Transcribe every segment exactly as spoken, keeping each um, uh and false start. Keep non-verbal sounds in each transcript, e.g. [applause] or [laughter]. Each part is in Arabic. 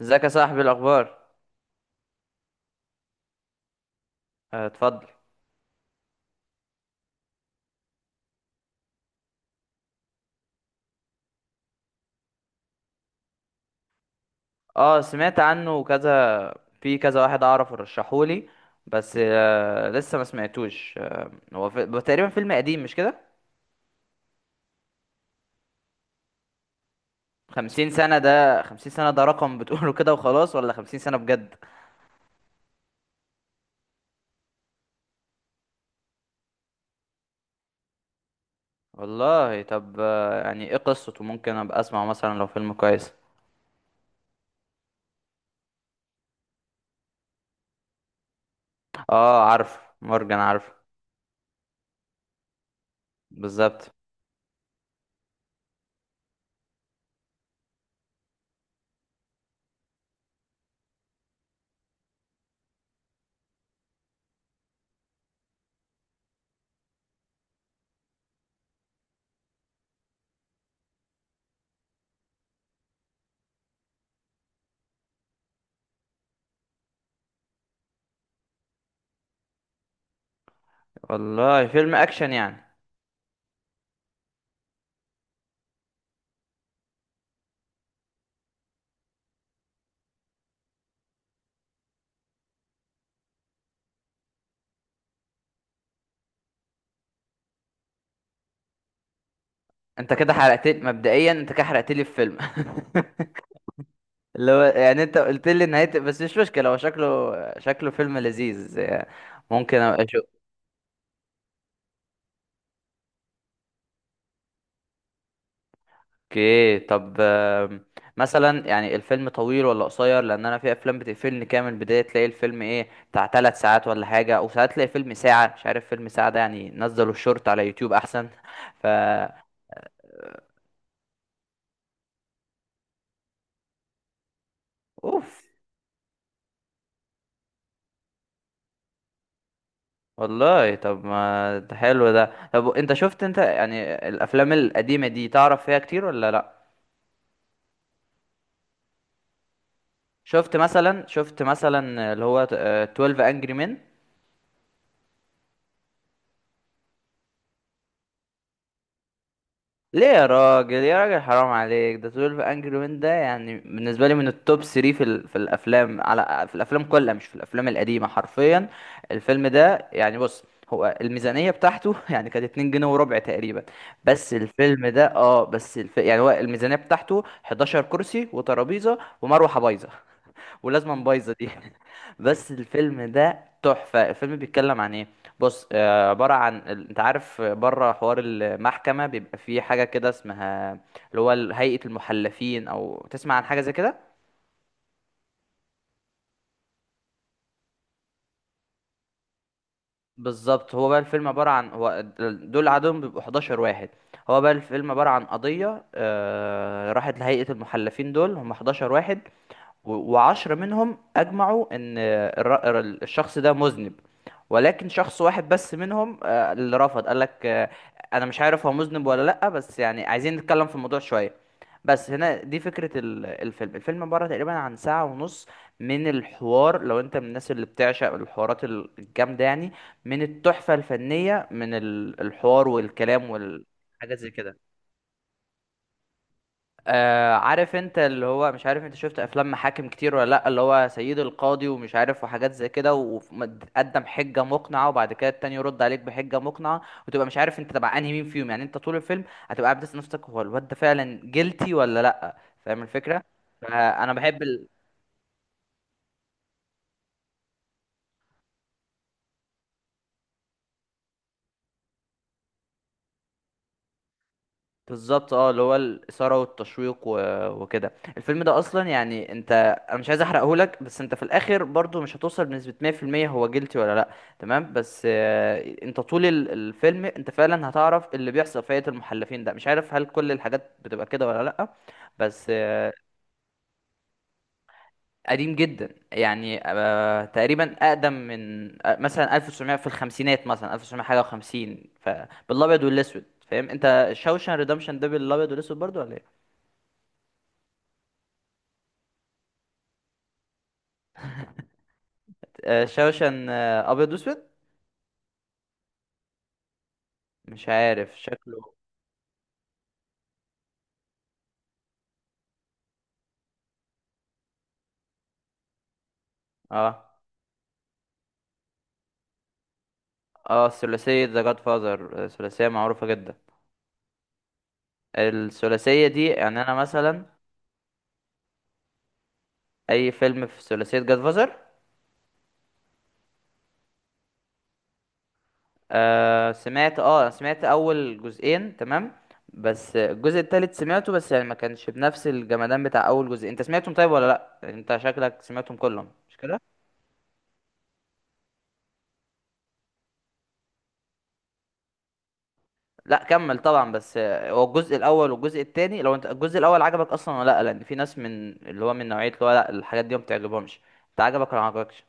ازيك يا صاحبي، الاخبار؟ آه، اتفضل. اه سمعت عنه كذا. في كذا واحد اعرف رشحولي. بس آه لسه ما سمعتوش، آه هو في... هو تقريبا فيلم قديم مش كده؟ خمسين سنة ده؟ خمسين سنة ده رقم بتقوله كده وخلاص ولا خمسين سنة بجد؟ والله، طب، آه يعني ايه قصته؟ ممكن ابقى اسمع مثلا لو فيلم كويس. اه عارف مورجان عارف. بالظبط. والله فيلم اكشن يعني؟ انت كده حرقت مبدئيا، انت كده حرقت لي الفيلم. [laughs] اللي هو يعني انت قلت لي نهاية، بس مش مشكلة، هو شكله شكله فيلم لذيذ يعني. ممكن ابقى اشوف. اوكي، طب، آم، مثلا يعني الفيلم طويل ولا قصير؟ لان انا في افلام بتقفلني كده من البداية، تلاقي الفيلم ايه، بتاع ثلاث ساعات ولا حاجة، او ساعات تلاقي فيلم ساعة. مش عارف، فيلم ساعة ده يعني نزلوا الشورت على يوتيوب احسن. [laughs] ف اوف. والله طب ما ده حلو ده. طب انت شفت، انت يعني الافلام القديمة دي تعرف فيها كتير ولا لا؟ شفت مثلا شفت مثلا اللي هو، آه، اتناشر انجري مين؟ ليه يا راجل يا راجل، حرام عليك. ده اتناشر انجري مين ده يعني بالنسبه لي من التوب تلاتة في ال... في الافلام على في الافلام كلها، مش في الافلام القديمه، حرفيا. الفيلم ده يعني، بص، هو الميزانيه بتاعته [laughs] يعني كانت اتنين جنيه وربع تقريبا. بس الفيلم ده اه بس الف... يعني هو الميزانيه بتاعته 11 كرسي وترابيزه ومروحه بايظه. ولازما بايظه دي [laughs] بس الفيلم ده تحفه. الفيلم بيتكلم عن ايه؟ بص، آه، عباره عن ال- انت عارف، بره حوار المحكمه بيبقى فيه حاجه كده اسمها، اللي هو ال- هيئه المحلفين، او تسمع عن حاجه زي كده؟ بالظبط. هو بقى الفيلم عباره عن، هو دل- دول عددهم بيبقوا 11 واحد. هو بقى الفيلم عباره عن قضيه، آه، راحت لهيئه المحلفين، دول هم 11 واحد. و- وعشرة منهم أجمعوا إن الر- ال- الشخص ده مذنب. ولكن شخص واحد بس منهم، آه، اللي رفض قال لك، آه، أنا مش عارف هو مذنب ولا لأ، بس يعني عايزين نتكلم في الموضوع شوية. بس هنا دي فكرة ال- الفيلم الفيلم عبارة تقريبا عن ساعة ونص من الحوار. لو انت من الناس اللي بتعشق الحوارات ال- الجامدة يعني، من التحفة الفنية، من ال- الحوار والكلام والحاجات زي كده. آه عارف انت اللي هو، مش عارف انت شفت افلام محاكم كتير ولا لا، اللي هو سيد القاضي ومش عارف وحاجات زي كده، وقدم حجة مقنعة وبعد كده التاني يرد عليك بحجة مقنعة، وتبقى مش عارف انت تبع انهي مين فيهم. يعني انت طول الفيلم هتبقى قاعد بتسأل نفسك هو الواد ده فعلا جيلتي ولا لا، فاهم الفكرة؟ فانا بحب ال... بالظبط، اه، اللي هو الاثاره والتشويق و... وكده. الفيلم ده اصلا يعني، انت، انا مش عايز احرقه لك، بس انت في الاخر برضو مش هتوصل بنسبه ميه في الميه هو جيلتي ولا لا. تمام. بس آه، انت طول ال- الفيلم انت فعلا هتعرف اللي بيحصل في هيئه المحلفين ده. مش عارف هل كل الحاجات بتبقى كده ولا لا. بس آه، قديم جدا يعني، آه، تقريبا اقدم من، آه، مثلا ألف وتسعمية، في الخمسينات، مثلا ألف وتسعمية حاجه و50. فبالابيض والاسود. فاهم انت شاوشان ريدمشن ده بالابيض والاسود برضو ولا إيه؟ آه، شوشن، آه، ابيض واسود. مش عارف شكله. اه اه الثلاثيه ذا جاد فاذر، ثلاثيه معروفه جدا. الثلاثيه دي يعني انا مثلا، اي فيلم في ثلاثيه جاد فاذر؟ آه سمعت اه سمعت اول جزئين، تمام. بس الجزء التالت سمعته، بس يعني ما كانش بنفس الجمدان بتاع اول جزء. انت سمعتهم طيب ولا لا؟ انت شكلك سمعتهم كلهم مش كده؟ لا، كمل طبعا. بس آه، هو الجزء الاول والجزء التاني، لو انت الجزء الاول عجبك اصلا ولا لا، لان في ناس من اللي هو من نوعيه، اللي هو لا، الحاجات دي ما بتعجبهمش. انت عجبك ولا ما عجبكش؟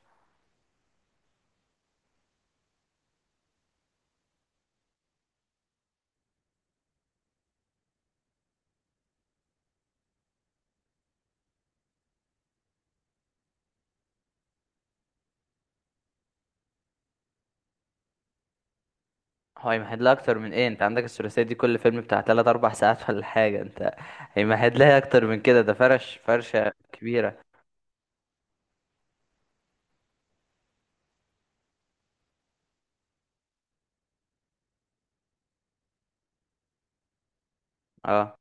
هو هيمهد لها اكتر من ايه؟ انت عندك الثلاثيه دي كل فيلم بتاع تلات 4 ساعات ولا حاجه، انت. هيمهد لها اكتر من كده؟ ده فرش فرشه كبيره. اه.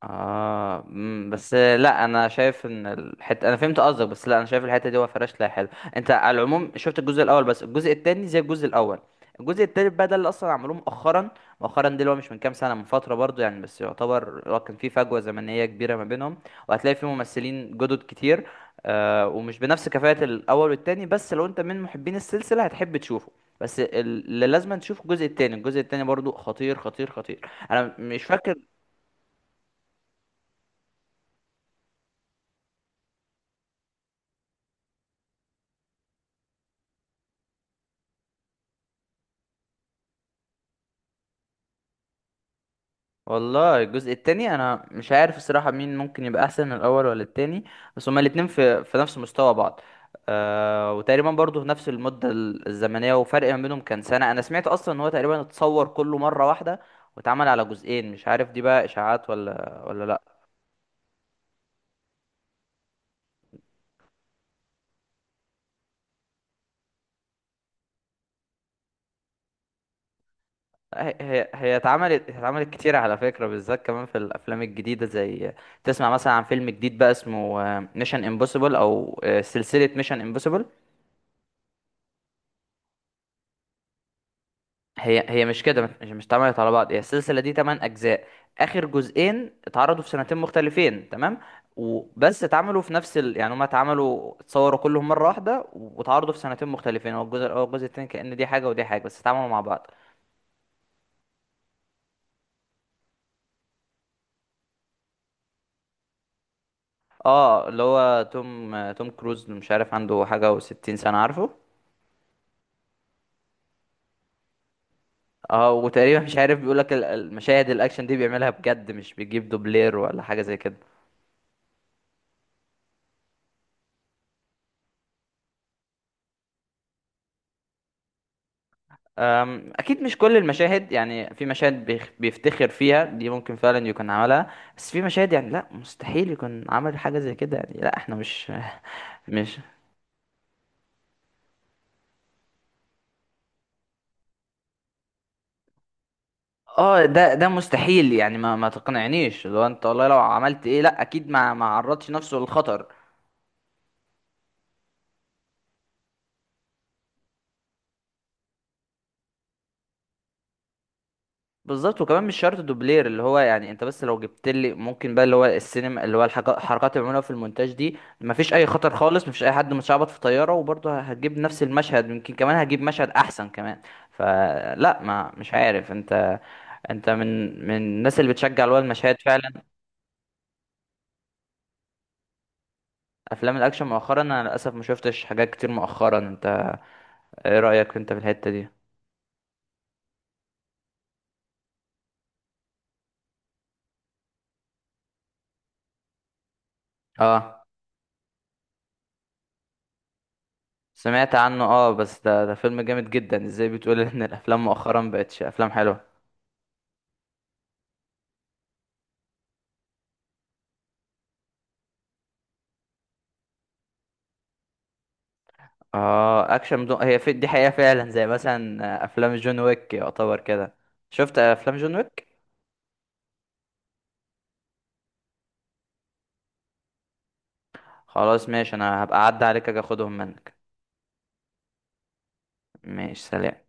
اه، امم بس لا، انا شايف ان الحته، انا فهمت قصدك، بس لا، انا شايف الحته دي وفراش لا حلو. انت على العموم شفت الجزء الاول، بس الجزء التاني زي الجزء الاول. الجزء التالت بقى ده اللي اصلا عملوه مؤخرا. مؤخرا ده اللي هو، مش من كام سنه، من فتره برضو يعني، بس يعتبر هو كان في فجوه زمنيه كبيره ما بينهم. وهتلاقي فيه ممثلين جدد كتير. آه ومش بنفس كفاءه الاول والتاني، بس لو انت من محبين السلسله هتحب تشوفه. بس ال- اللي لازم تشوف الجزء التاني. الجزء التاني برضو خطير خطير خطير. انا مش فاكر. والله الجزء التاني انا مش عارف الصراحة مين ممكن يبقى احسن، الاول ولا التاني. بس هما الاتنين في في نفس مستوى بعض. آه وتقريبا برضو في نفس المدة ال- الزمنية. وفرق ما بينهم كان سنة. انا سمعت اصلا ان هو تقريبا اتصور كله مرة واحدة واتعمل على جزئين. مش عارف دي بقى اشاعات ولا ولا لا. هي هي هي اتعملت هي اتعملت كتير على فكرة، بالذات كمان في الافلام الجديدة، زي تسمع مثلا عن فيلم جديد بقى اسمه ميشن امبوسيبل، او آه، سلسلة ميشن امبوسيبل. هي هي مش كده، مش مش اتعملت على بعض. هي السلسله دي 8 اجزاء. اخر جزئين اتعرضوا في سنتين مختلفين، تمام. وبس اتعملوا في نفس ال... يعني هما اتعملوا اتصوروا كلهم مره واحده، واتعرضوا في سنتين مختلفين. هو الجزء الاول والجزء التاني كأن دي حاجه ودي حاجه، بس اتعملوا مع بعض. اه، اللي هو توم توم كروز، مش عارف عنده حاجه و60 سنه، عارفه. اه، وتقريبا، مش عارف، بيقول لك المشاهد الاكشن دي بيعملها بجد، مش بيجيب دوبلير ولا حاجه زي كده. أم، اكيد مش كل المشاهد، يعني في مشاهد بيخ- بيفتخر فيها دي ممكن فعلا يكون عملها. بس في مشاهد يعني لا، مستحيل يكون عمل حاجه زي كده، يعني لا احنا مش، مش، اه، ده ده مستحيل. يعني ما ما تقنعنيش، لو انت والله لو عملت ايه لا، اكيد ما ما عرضش نفسه للخطر. بالظبط، وكمان مش شرط دوبلير اللي هو، يعني انت بس لو جبت لي ممكن بقى اللي هو السينما، اللي هو الحاجات الحركات اللي بيعملوها في المونتاج دي، مفيش اي خطر خالص، مفيش اي حد متشعبط في طياره وبرضه هتجيب نفس المشهد، يمكن كمان هتجيب مشهد احسن كمان. فلا، ما مش عارف انت، انت من من الناس اللي بتشجع، اللي هو المشاهد فعلا. افلام الاكشن مؤخرا انا للاسف ما شفتش حاجات كتير مؤخرا. انت ايه رايك انت في الحته دي؟ اه سمعت عنه. اه بس ده ده فيلم جامد جدا، ازاي بتقول ان الافلام مؤخرا بقتش افلام حلوه؟ اه، اكشن بدون، هي في دي حقيقة فعلا، زي مثلا آه، افلام جون ويك يعتبر كده. شفت افلام جون ويك؟ خلاص ماشي، انا هبقى اعدي عليك اجي اخدهم منك. ماشي، سلام.